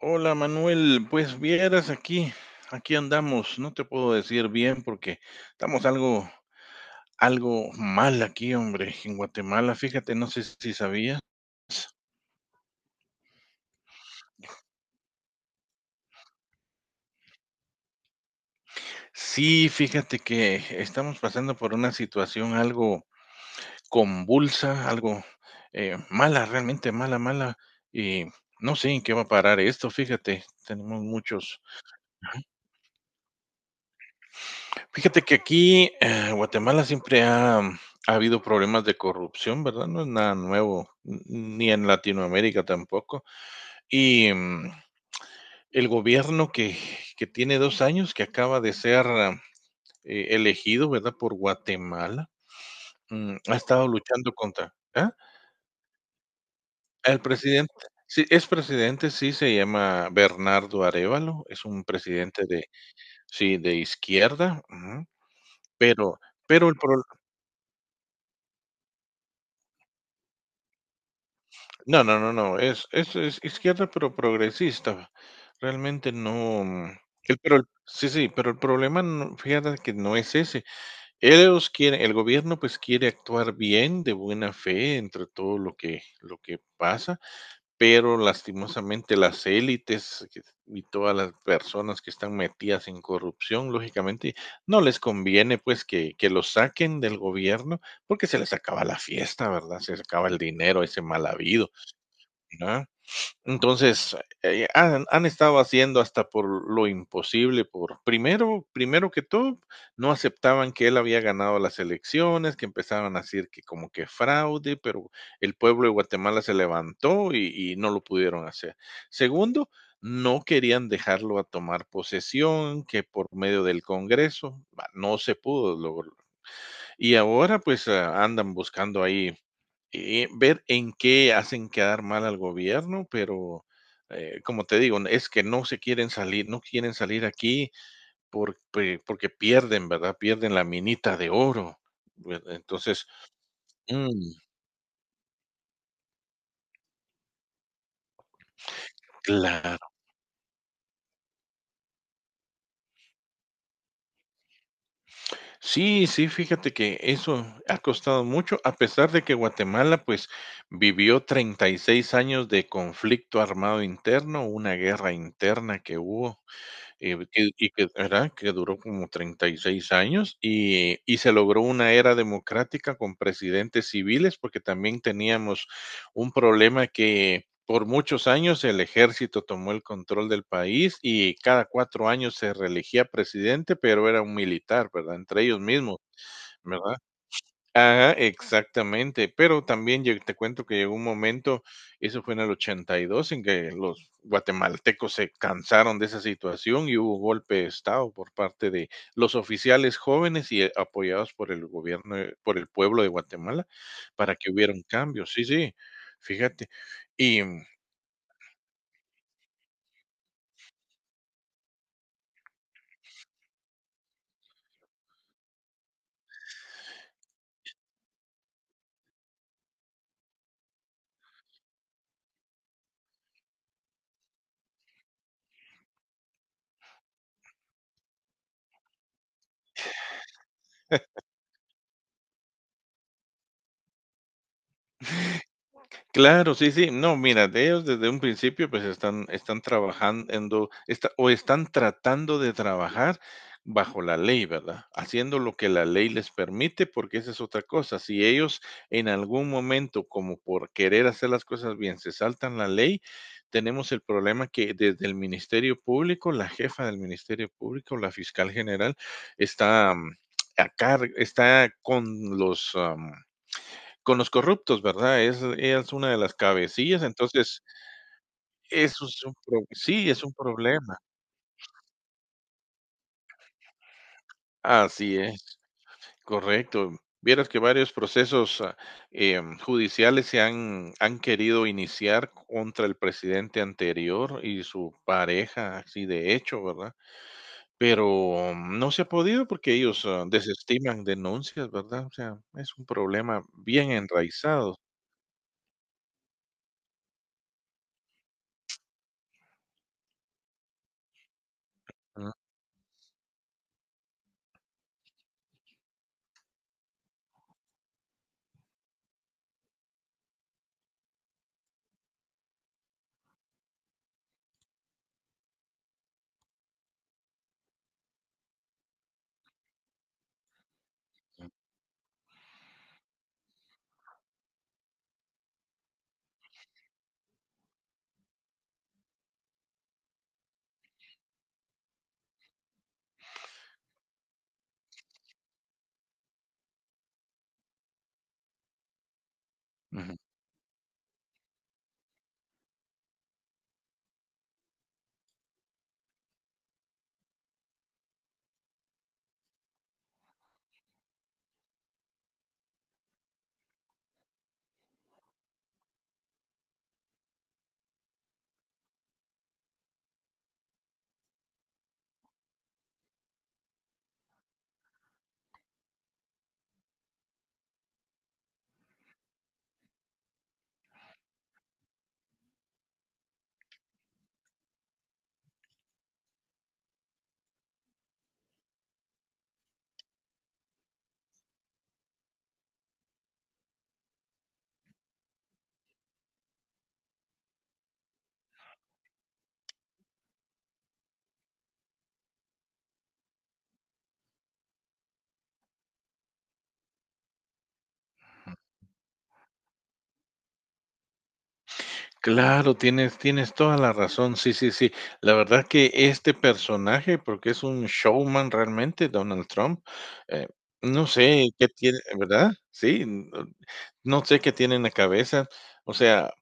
Hola Manuel, pues vieras aquí andamos. No te puedo decir bien porque estamos algo mal aquí, hombre, en Guatemala, fíjate, no sé si sabías. Sí, fíjate que estamos pasando por una situación algo convulsa, algo mala, realmente mala, mala, y no sé en qué va a parar esto, fíjate, tenemos muchos... Fíjate que aquí, Guatemala siempre ha habido problemas de corrupción, ¿verdad? No es nada nuevo, ni en Latinoamérica tampoco. Y el gobierno que tiene 2 años, que acaba de ser elegido, ¿verdad? Por Guatemala, ha estado luchando contra... ¿Ah? El presidente, sí, es presidente, sí, se llama Bernardo Arevalo, es un presidente de, sí, de izquierda, ujú, pero, el problema... No, no, no, no, es izquierda, pero progresista. Realmente no, el sí, sí, pero el problema, no, fíjate que no es ese. Ellos quieren el gobierno, pues, quiere actuar bien, de buena fe, entre todo lo que pasa, pero lastimosamente las élites que y todas las personas que están metidas en corrupción, lógicamente, no les conviene, pues, que los saquen del gobierno, porque se les acaba la fiesta, ¿verdad? Se les acaba el dinero ese mal habido, ¿no? Entonces, han estado haciendo hasta por lo imposible, por primero que todo, no aceptaban que él había ganado las elecciones, que empezaban a decir que como que fraude, pero el pueblo de Guatemala se levantó y no lo pudieron hacer. Segundo, no querían dejarlo a tomar posesión, que por medio del Congreso, bah, no se pudo lograr. Y ahora pues andan buscando ahí ver en qué hacen quedar mal al gobierno, pero como te digo, es que no se quieren salir, no quieren salir aquí porque, pierden, ¿verdad? Pierden la minita de oro. ¿Verdad? Entonces, mm, claro. Sí, sí, fíjate que eso ha costado mucho, a pesar de que Guatemala pues vivió 36 años de conflicto armado interno, una guerra interna que hubo. Que y que ¿Verdad? Que duró como 36 años, y se logró una era democrática con presidentes civiles, porque también teníamos un problema que por muchos años el ejército tomó el control del país y cada 4 años se reelegía presidente, pero era un militar, ¿verdad? Entre ellos mismos, ¿verdad? Ajá, exactamente, pero también lle te cuento que llegó un momento, eso fue en el 82, en que los guatemaltecos se cansaron de esa situación y hubo golpe de estado por parte de los oficiales jóvenes apoyados por el gobierno, por el pueblo de Guatemala, para que hubiera un cambio. Sí, sí, fíjate, y mm, claro, sí, sí. No, mira, de ellos desde un principio, pues están, trabajando o están tratando de trabajar bajo la ley, ¿verdad? Haciendo lo que la ley les permite, porque esa es otra cosa. Si ellos en algún momento, como por querer hacer las cosas bien, se saltan la ley, tenemos el problema que desde el Ministerio Público, la jefa del Ministerio Público, la fiscal general, está, mm, a car- está con los... Con los corruptos, ¿verdad? Es una de las cabecillas, entonces, eso es un pro sí, es un problema. Así es, correcto. Vieras que varios procesos, judiciales se han querido iniciar contra el presidente anterior y su pareja, así de hecho, ¿verdad? Pero no se ha podido porque ellos, desestiman denuncias, ¿verdad? O sea, es un problema bien enraizado. Ujú. Claro, tienes toda la razón. Sí, sí, sí. La verdad que este personaje, porque es un showman realmente, Donald Trump, eh, no sé qué tiene, ¿verdad? Sí, n no sé qué tiene en la cabeza. O sea,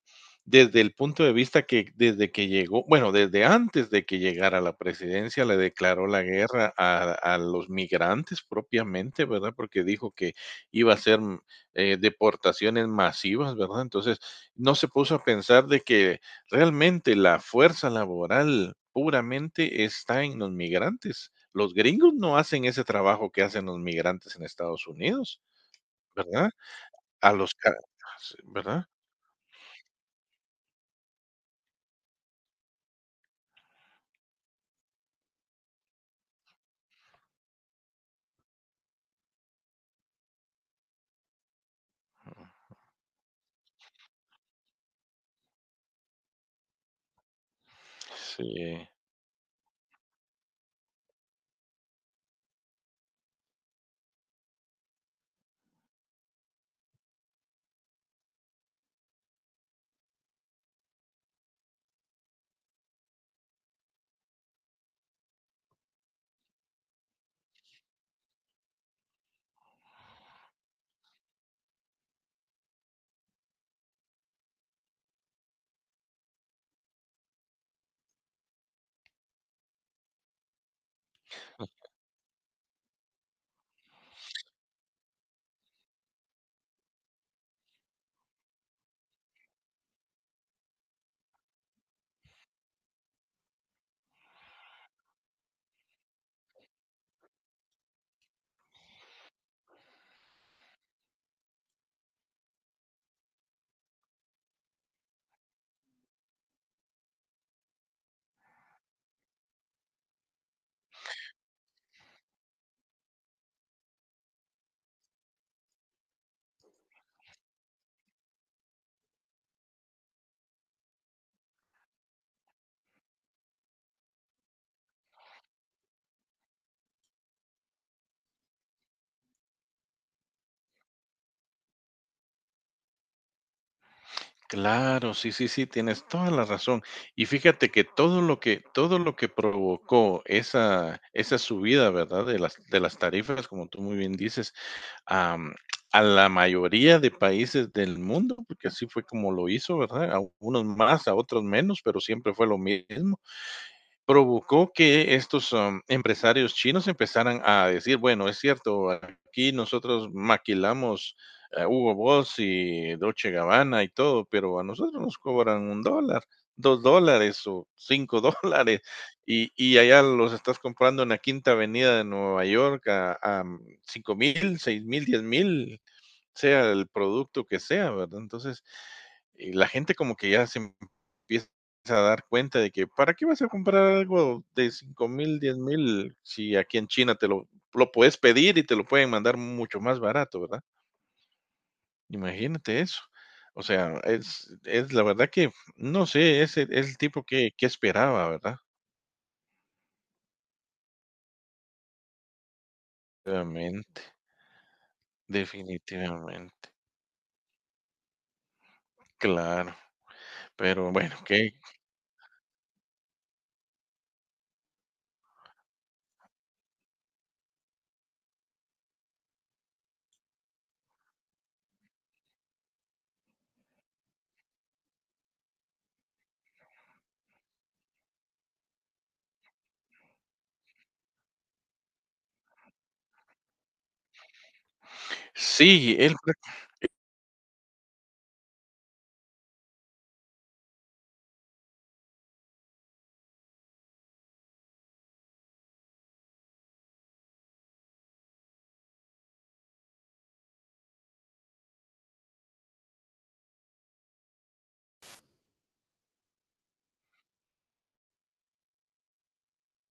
desde el punto de vista que desde que llegó, bueno, desde antes de que llegara a la presidencia, le declaró la guerra a los migrantes propiamente, ¿verdad? Porque dijo que iba a ser deportaciones masivas, ¿verdad? Entonces no se puso a pensar de que realmente la fuerza laboral puramente está en los migrantes. Los gringos no hacen ese trabajo que hacen los migrantes en Estados Unidos, ¿verdad? A los ca sí, ¿verdad? Sí, claro, sí, sí, sí, tienes toda la razón. Y fíjate que todo lo que provocó esa subida, ¿verdad? De las tarifas, como tú muy bien dices, am, a la mayoría de países del mundo, porque así fue como lo hizo, ¿verdad? A unos más, a otros menos, pero siempre fue lo mismo. Provocó que estos, empresarios chinos empezaran a decir: "Bueno, es cierto, aquí nosotros maquilamos, Hugo Boss y Dolce Gabbana y todo, pero a nosotros nos cobran $1, $2 o $5, y allá los estás comprando en la Quinta Avenida de Nueva York a 5000, 6000, 10.000, sea el producto que sea", ¿verdad? Entonces, y la gente como que ya se empieza a dar cuenta de que ¿para qué vas a comprar algo de 5000, 10.000 si aquí en China lo puedes pedir y te lo pueden mandar mucho más barato, ¿verdad? Imagínate eso. O sea, es la verdad que no sé, es el tipo que esperaba, ¿verdad? Definitivamente, definitivamente. Claro, pero bueno, que sí, él